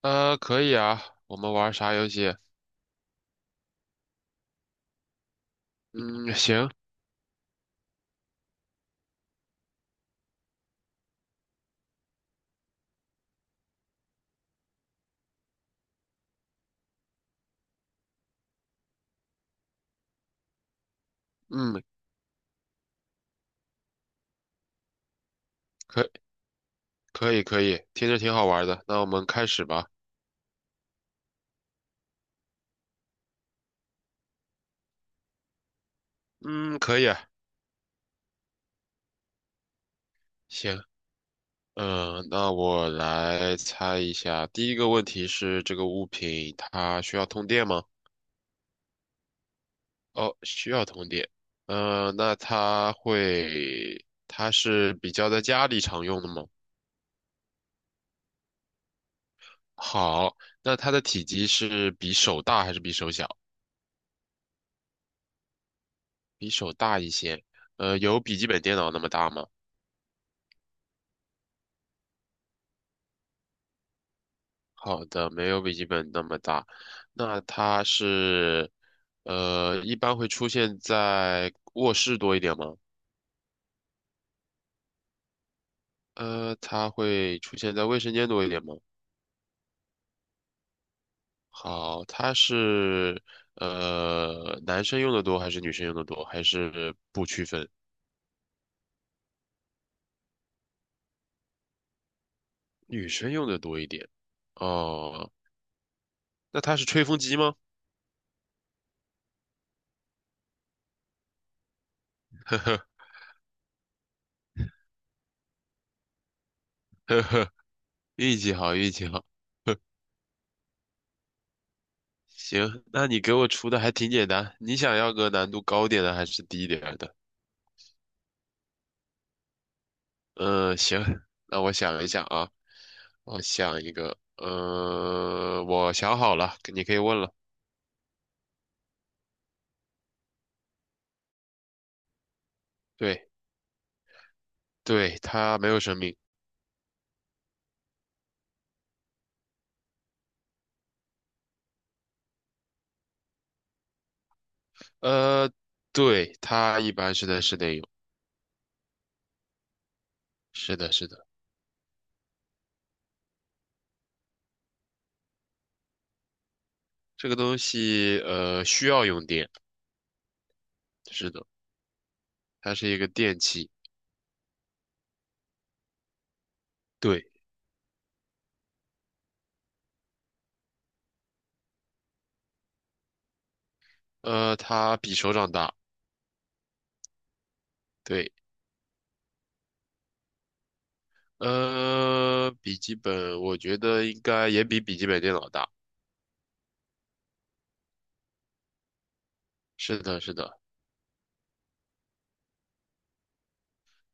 可以啊，我们玩啥游戏？嗯，行，嗯，可可以可以，听着挺好玩的，那我们开始吧。嗯，可以啊，行，嗯，那我来猜一下，第一个问题是这个物品它需要通电吗？哦，需要通电。嗯，那它会，它是比较在家里常用的吗？好，那它的体积是比手大还是比手小？比手大一些。有笔记本电脑那么大吗？好的，没有笔记本那么大。那它是，一般会出现在卧室多一点吗？它会出现在卫生间多一点吗？好，它是，男生用的多还是女生用的多？还是不区分？女生用的多一点。哦，那它是吹风机吗？呵呵，运气好，运气好。行，那你给我出的还挺简单。你想要个难度高点的还是低一点儿的？嗯，行，那我想一想啊，我想一个，我想好了，你可以问了。对，对，它没有生命。呃，对，它一般是在室内用。是的，是的，这个东西需要用电。是的，它是一个电器。对，它比手掌大。对，呃，笔记本我觉得应该也比笔记本电脑大。是的，是的，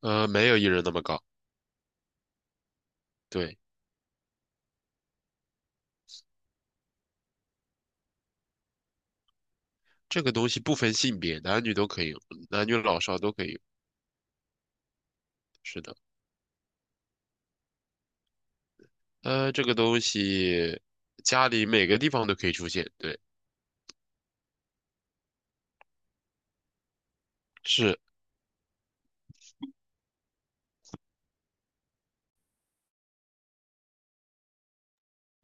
没有一人那么高。对。这个东西不分性别，男女都可以用，男女老少都可以用。是的，这个东西家里每个地方都可以出现。对，是，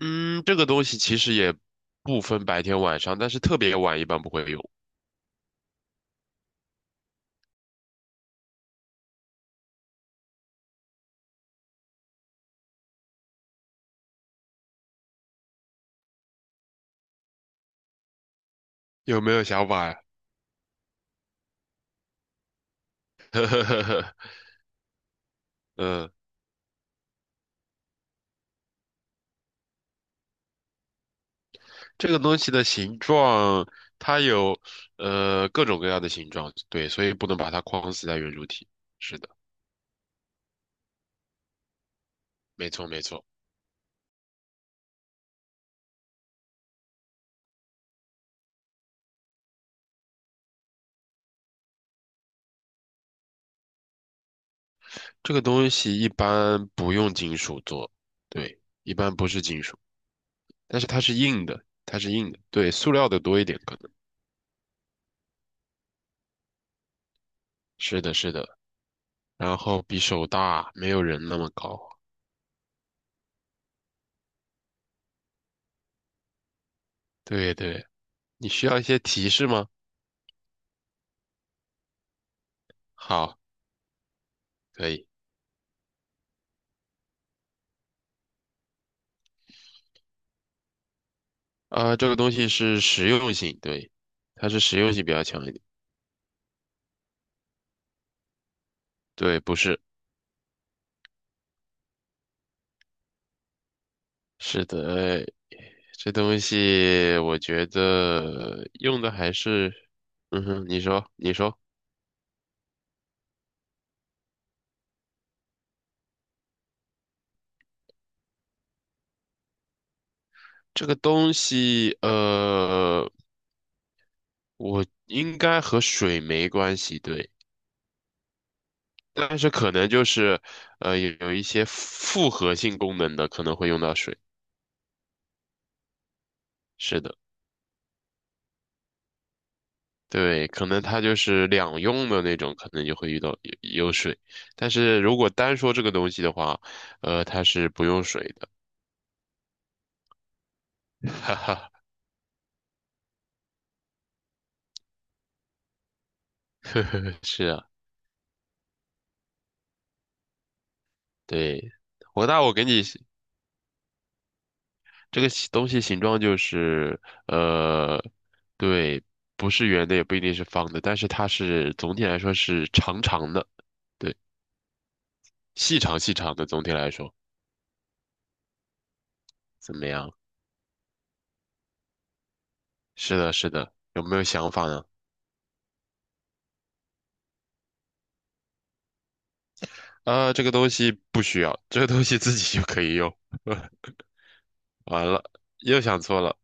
嗯，这个东西其实也不分白天晚上，但是特别晚一般不会用。有没有想法呀？嗯，这个东西的形状，它有各种各样的形状，对，所以不能把它框死在圆柱体。是的，没错没错，这个东西一般不用金属做，对，一般不是金属。但是它是硬的，它是硬的，对，塑料的多一点可能。是的，是的，然后比手大，没有人那么高。对对，你需要一些提示吗？好，可以。这个东西是实用性，对，它是实用性比较强一点。对，不是，是的，这东西我觉得用的还是，嗯哼，你说，你说，这个东西，我应该和水没关系，对。但是可能就是，呃，有一些复合性功能的可能会用到水。是的，对，可能它就是两用的那种，可能就会遇到有水。但是如果单说这个东西的话，它是不用水的。哈哈，呵呵，是啊，对，我大我给你这个东西形状就是，呃，对，不是圆的，也不一定是方的，但是它是总体来说是长长的，对，细长细长的，总体来说。怎么样？是的，是的，有没有想法呢？啊，这个东西不需要，这个东西自己就可以用。完了，又想错了。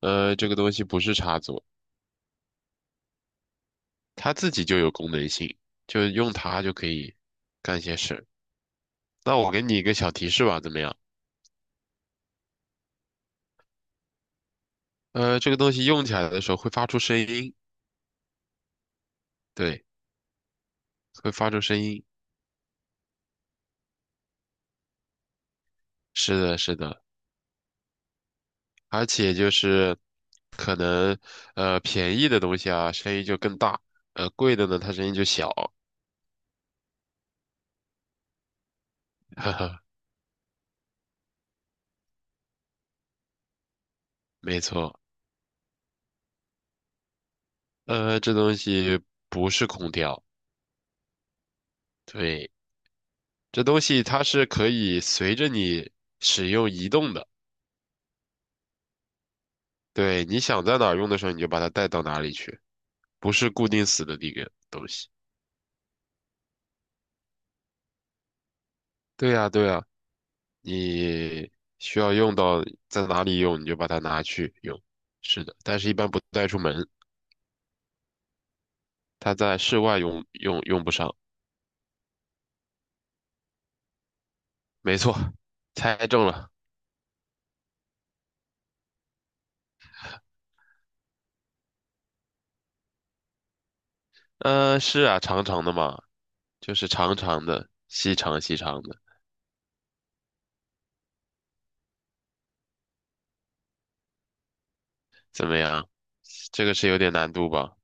这个东西不是插座，它自己就有功能性，就用它就可以干些事。那我给你一个小提示吧，怎么样？这个东西用起来的时候会发出声音，对，会发出声音。是的，是的，而且就是可能便宜的东西啊，声音就更大，贵的呢，它声音就小。没错，这东西不是空调，对，这东西它是可以随着你使用移动的，对，你想在哪儿用的时候，你就把它带到哪里去，不是固定死的一个东西。对呀，对呀，你需要用到在哪里用，你就把它拿去用。是的，但是一般不带出门，它在室外用用不上。没错，猜中了。嗯、是啊，长长的嘛，就是长长的，细长细长的。怎么样？这个是有点难度吧？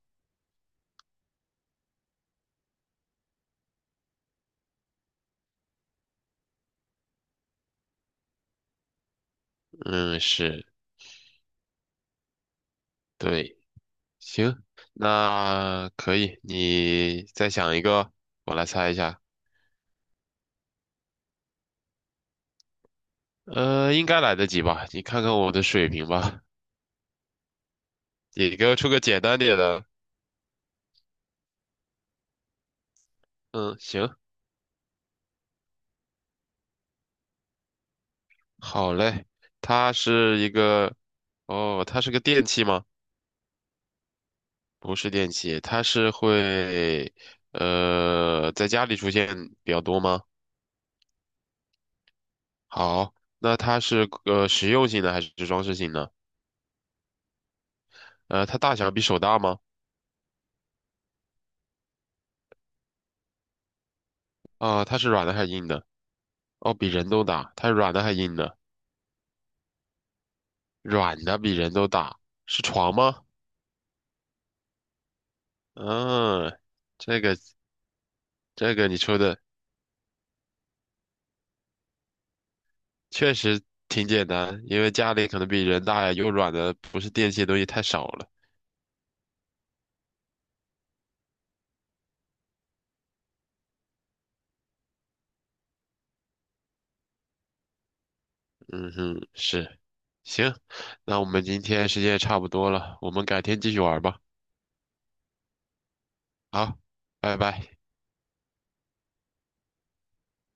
嗯，是，对，行，那可以，你再想一个，我来猜一下。应该来得及吧？你看看我的水平吧。你给我出个简单点的。嗯，行，好嘞。它是一个，哦，它是个电器吗？不是电器，它是会，在家里出现比较多吗？好，那它是实用性的还是装饰性的？它大小比手大吗？它是软的还是硬的？哦，比人都大。它是软的还是硬的？软的比人都大，是床吗？嗯，这个这个你说的确实挺简单，因为家里可能比人大呀，又软的，不是电器的东西太少了。嗯哼，是。行，那我们今天时间也差不多了，我们改天继续玩吧。好，拜拜。